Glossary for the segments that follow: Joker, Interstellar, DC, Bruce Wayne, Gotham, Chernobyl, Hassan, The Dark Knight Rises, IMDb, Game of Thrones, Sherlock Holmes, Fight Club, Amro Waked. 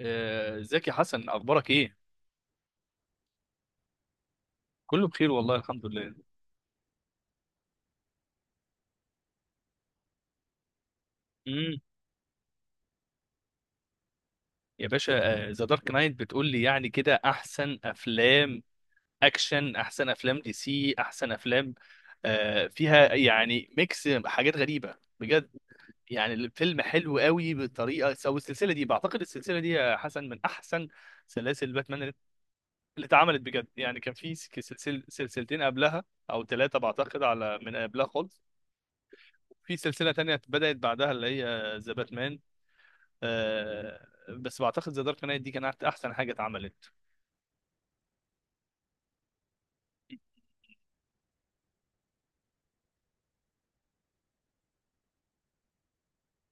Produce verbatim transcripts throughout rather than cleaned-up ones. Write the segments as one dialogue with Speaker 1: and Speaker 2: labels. Speaker 1: آه، ازيك يا حسن، اخبارك ايه؟ كله بخير والله، الحمد لله. امم يا باشا. ذا دارك نايت بتقول لي؟ يعني كده احسن افلام اكشن، احسن افلام دي سي، احسن افلام. آه، فيها يعني ميكس حاجات غريبة بجد. يعني الفيلم حلو قوي بطريقة، او السلسلة دي، بعتقد السلسلة دي يا حسن من احسن سلاسل باتمان اللي اللي اتعملت بجد. يعني كان في سك- سلسل سلسلتين قبلها او ثلاثة، بعتقد، على من قبلها خالص. في سلسلة تانية بدأت بعدها، اللي هي ذا باتمان. آه، بس بعتقد ذا دارك نايت دي كانت احسن حاجه اتعملت.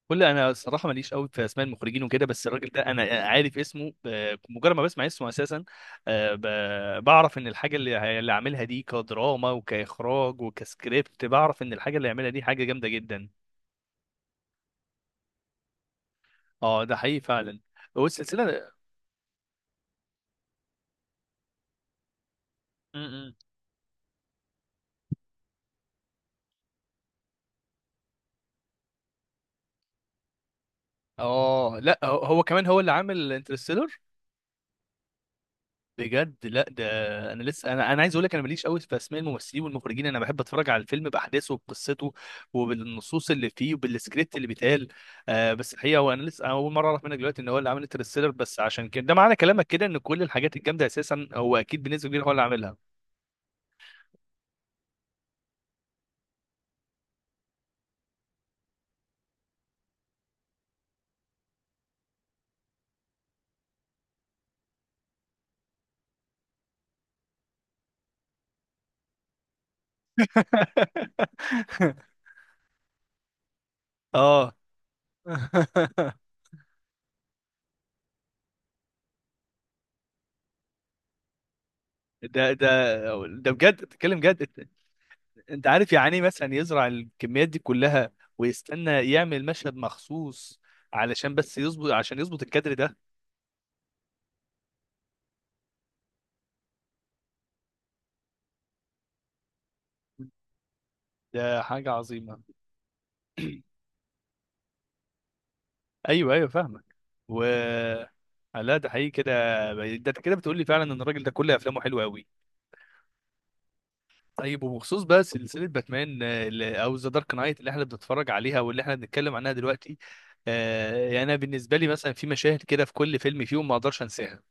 Speaker 1: كل انا الصراحه ماليش قوي في اسماء المخرجين وكده، بس الراجل ده انا عارف اسمه، آه، مجرد ما بسمع اسمه اساسا. آه، ب- بعرف ان الحاجه اللي هي- اللي عاملها دي كدراما وكاخراج وكسكريبت، بعرف ان الحاجه اللي عاملها دي حاجه جامده جدا. اه، ده حقيقي فعلا. والسلسله. م- م. اه لا، هو هو كمان، هو اللي عامل انترستيلر. بجد لا، ده انا لسه انا انا عايز اقول لك، انا ماليش قوي في اسماء الممثلين والمخرجين. انا بحب اتفرج على الفيلم باحداثه وبقصته، وبالنصوص اللي فيه، وبالسكريبت اللي بيتقال. آه بس الحقيقه، هو انا لسه اول مره اعرف منك دلوقتي ان هو اللي عامل انترستيلر. بس عشان كده، ده معنى كلامك كده، ان كل الحاجات الجامده اساسا هو اكيد بنسبه كبيره هو اللي عاملها. اه. ده ده ده بجد بتتكلم جد؟ انت عارف يعني ايه مثلا يزرع الكميات دي كلها، ويستنى يعمل مشهد مخصوص علشان بس يظبط عشان يظبط الكادر ده. ده حاجة عظيمة. ايوه ايوه، فاهمك. و لا، ده حقيقي كده. ده انت كده بتقول لي فعلا ان الراجل ده كل افلامه حلوه قوي. طيب، وبخصوص بقى سلسله باتمان، آه، اللي- او ذا دارك نايت اللي احنا بنتفرج عليها واللي احنا بنتكلم عنها دلوقتي. آه، يعني انا بالنسبه لي مثلا في مشاهد كده في كل فيلم فيهم ما اقدرش انساها.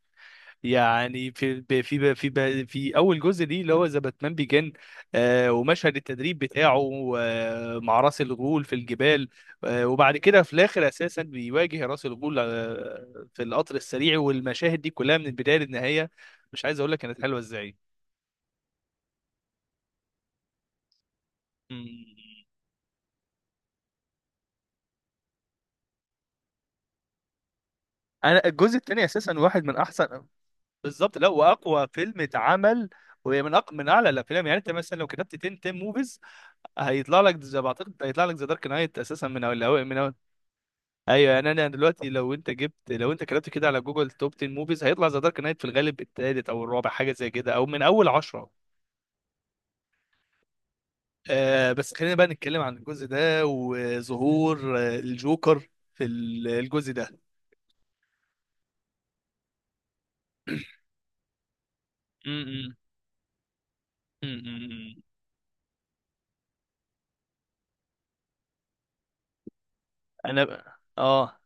Speaker 1: يعني في ب- في ب- في ب- في اول جزء دي اللي هو ذا باتمان بيجن. آه ومشهد التدريب بتاعه، آه مع راس الغول في الجبال. آه وبعد كده في الاخر اساسا بيواجه راس الغول آه في القطر السريع، والمشاهد دي كلها من البدايه للنهايه، مش عايز اقول لك كانت حلوه ازاي. مم. انا الجزء الثاني اساسا واحد من احسن. بالظبط، لا، واقوى فيلم اتعمل. وهي من أق... من اعلى الافلام. يعني انت مثلا لو كتبت عشرة عشرة موفيز، هيطلع لك زي، بعتقد هيطلع لك ذا دارك نايت اساسا من أول- من أول. ايوه يعني، انا دلوقتي لو انت جبت لو انت كتبت كده على جوجل توب عشرة موفيز، هيطلع ذا دارك نايت في الغالب التالت او الرابع، حاجه زي كده، او من اول عشرة. آه بس خلينا بقى نتكلم عن الجزء ده، وظهور آه، الجوكر في ال- الجزء ده. م- م- م- م- انا ب... اه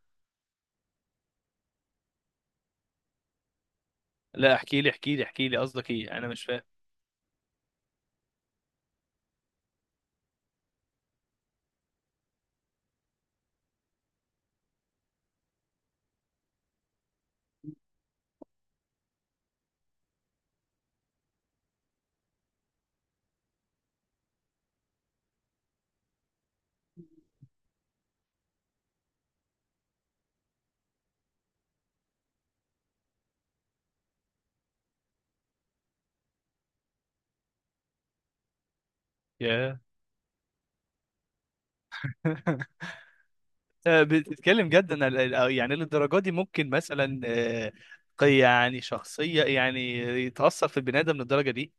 Speaker 1: لا، احكي لي احكي لي احكي لي، قصدك ايه؟ انا مش فاهم. ياه. آه، بتتكلم جدا؟ ال- ال- آه، يعني للدرجه دي ممكن مثلا، آه، قي- يعني شخصيه يعني يتاثر في البني ادم للدرجه دي؟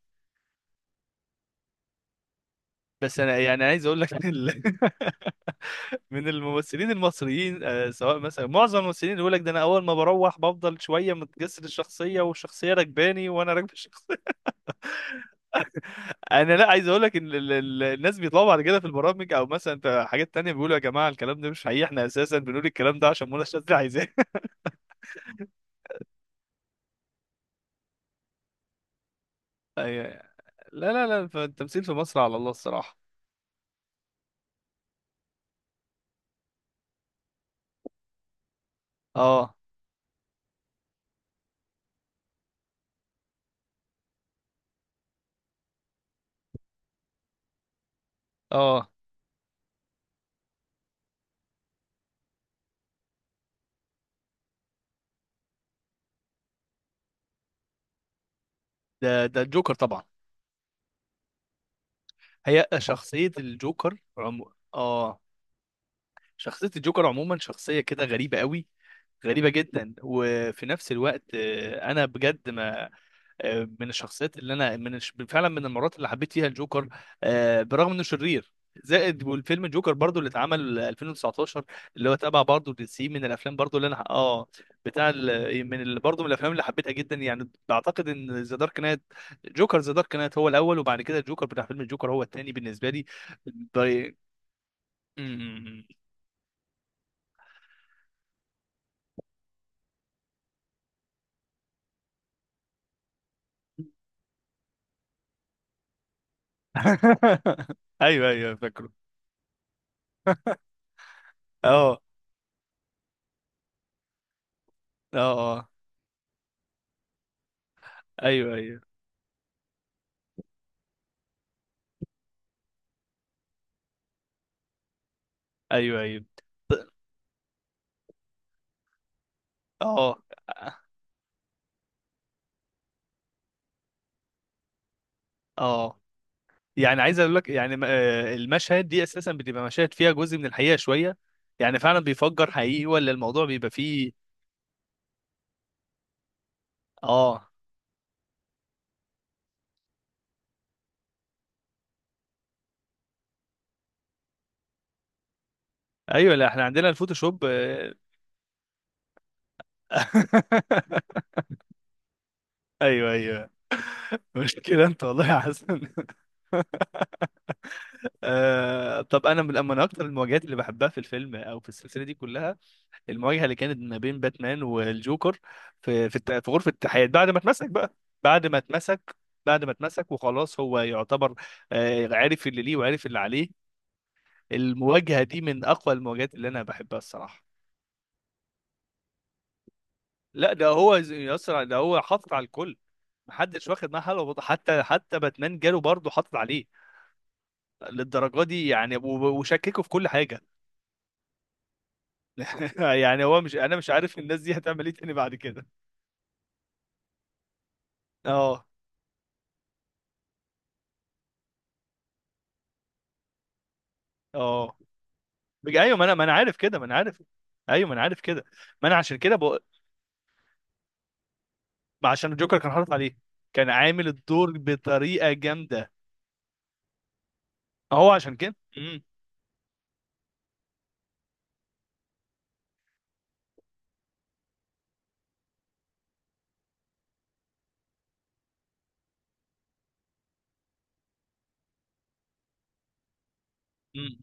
Speaker 1: بس انا يعني عايز اقول لك من ال- من الممثلين المصريين، آه، سواء مثلا معظم الممثلين يقول لك ده، انا اول ما بروح بفضل شويه متجسد الشخصيه، والشخصيه راكباني وانا راكب الشخصيه. انا، لا عايز اقول لك ان ال- ال- الناس بيطلعوا بعد كده في البرامج، او مثلا في حاجات تانية، بيقولوا يا جماعه الكلام ده مش حقيقي، احنا اساسا بنقول الكلام ده عشان منى شاذلي عايزاه. أي- لا لا لا، فالتمثيل في مصر على الله الصراحه. اه. اه، ده ده الجوكر طبعا. هي شخصيه الجوكر عمو. اه. شخصية الجوكر عموما شخصية كده غريبة قوي، غريبة جدا. وفي نفس الوقت، آه، انا بجد ما... آه، من الشخصيات اللي انا، من الش- فعلا من المرات اللي حبيت فيها الجوكر. آه، برغم انه شرير. زائد والفيلم جوكر برضو اللي اتعمل ألفين وتسعتاشر، اللي هو تبع برضو دي سي. من الافلام برضو اللي انا، اه. بتاع ال... من ال... برضو من الافلام اللي حبيتها جدا. يعني بعتقد ان ذا دارك نايت، جوكر ذا دارك نايت هو الاول، وبعد كده الجوكر بتاع فيلم الجوكر هو الثاني بالنسبه لي. ب... ايوه ايوه فاكره. اه اه اه. ايوه ايوه ايوه ايوه. اه اه. يعني عايز اقول لك يعني، آه، المشهد دي اساسا بتبقى مشاهد فيها جزء من الحقيقه شويه. يعني فعلا بيفجر حقيقي، ولا الموضوع بيبقى فيه؟ اه. ايوه، لا احنا عندنا الفوتوشوب آه. ايوه ايوه. مشكله انت والله يا حسن. آه طب انا من من اكتر المواجهات اللي بحبها في الفيلم او في السلسله دي كلها. المواجهه اللي كانت ما بين باتمان والجوكر في في الت- في غرفه التحقيقات بعد ما اتمسك بقى. بعد ما اتمسك بعد ما اتمسك وخلاص، هو يعتبر آه، عارف اللي ليه وعارف اللي عليه. المواجهه دي من اقوى المواجهات اللي انا بحبها الصراحه. لا، ده هو ز- يسرع، ده هو حاطط على الكل. محدش واخد معاه حلوه، وبط- حتى حتى باتمان جاله برضه حاطط عليه للدرجه دي يعني، و- وشككه في كل حاجه. يعني هو مش... انا مش عارف الناس دي هتعمل ايه تاني بعد كده. اه، اه. بج- ايوه، ما انا ما انا عارف كده، ما انا عارف. ايوه ما انا عارف كده، ما انا عشان كده بقول. ما عشان الجوكر كان حاطط عليه، كان عامل الدور بطريقه جامده. هو عشان كده. امم امم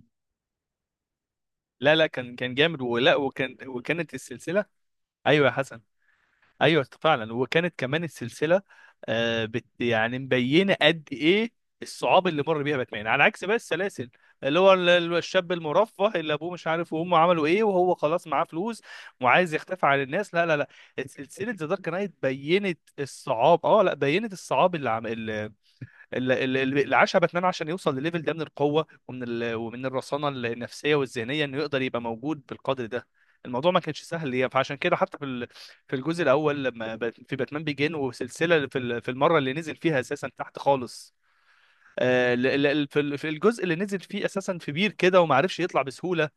Speaker 1: لا لا، كان كان جامد ولا، وكان وكانت السلسله. ايوه يا حسن، ايوه فعلا. وكانت كمان السلسله آه بت يعني مبينه قد ايه الصعاب اللي مر بيها باتمان، على عكس بقى السلاسل. اللي هو ال- ال- الشاب المرفه اللي ابوه مش عارف وامه عملوا ايه، وهو خلاص معاه فلوس، وعايز يختفي عن الناس. لا، لا، لا. سلسله ذا دارك نايت بينت الصعاب اه لا بينت الصعاب اللي عم... ال- ال- ال- اللي عاشها باتمان، عشان يوصل لليفل ده من القوه، ومن ال... ومن الرصانه النفسيه والذهنيه، انه يقدر يبقى موجود بالقدر ده. الموضوع ما كانش سهل ليه، فعشان كده حتى في ال... في الجزء الاول، لما بات... في باتمان بيجين، وسلسله، في ال... في المره اللي نزل فيها اساسا تحت خالص. آه، ل- ل- في ال- في الجزء اللي نزل فيه اساسا في بير كده، وما عرفش يطلع بسهوله.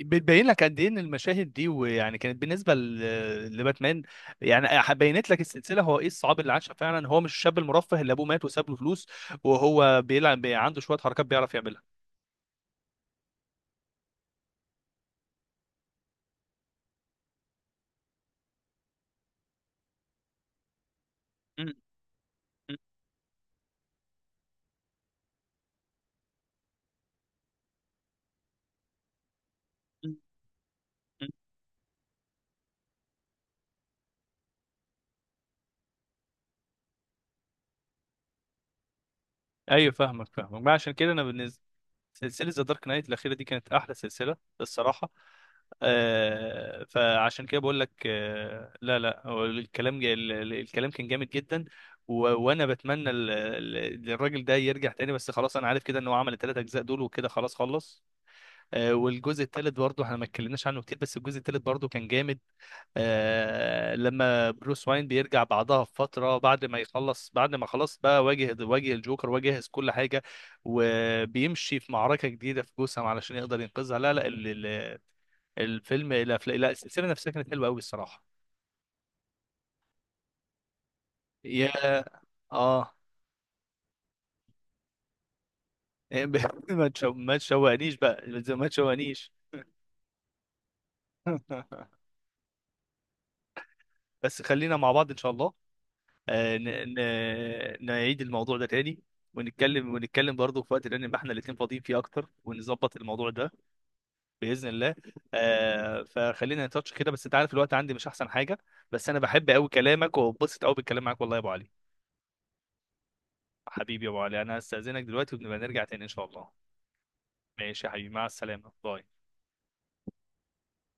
Speaker 1: بتبين لك قد ايه ان المشاهد دي، ويعني كانت بالنسبه ل- لباتمان. يعني بينت لك السلسله هو ايه الصعاب اللي عاشها فعلا، هو مش الشاب المرفه اللي ابوه مات وساب له فلوس، وهو بيلعب بي- عنده شويه حركات بيعرف يعملها. م- م- م- م. ايوه فاهمك، فاهمك، ما عشان كده انا بالنسبه. سلسلة ذا دارك نايت الأخيرة دي كانت أحلى سلسلة الصراحة. آه فعشان كده بقول لك، آه لا لا، هو الكلام جا ال- ال- الكلام كان جامد جدا. و وانا بتمنى ال- ال- الراجل ده يرجع تاني، بس خلاص، انا عارف كده ان هو عمل الثلاث اجزاء دول وكده، خلاص خلص. آه، والجزء الثالث برضه احنا ما اتكلمناش عنه كتير، بس الجزء الثالث برضه كان جامد. آه لما بروس واين بيرجع بعدها بفترة، بعد ما يخلص بعد ما خلاص بقى، واجه واجه الجوكر وجهز كل حاجة، وبيمشي في معركة جديدة في جوثام علشان يقدر ينقذها. لا لا، ال- ال- الفيلم، لا لا لا، السلسلة نفسها كانت حلوة قوي الصراحة. يا. اه. ما تشو- ما تشوقنيش بقى، ما تشوقنيش. بس خلينا مع بعض ان شاء الله. آه، ن- ن- نعيد الموضوع ده تاني، ونتكلم ونتكلم برضه في وقت تاني نبقى احنا الاتنين فاضيين فيه اكتر، ونظبط الموضوع ده. باذن الله. آه، فخلينا نتاتش كده، بس انت عارف الوقت عندي مش احسن حاجه. بس انا بحب قوي كلامك وببسط قوي بالكلام معاك والله يا ابو علي. حبيبي يا ابو علي، انا هستاذنك دلوقتي ونبقى نرجع تاني ان شاء الله. ماشي يا حبيبي، مع السلامه، باي.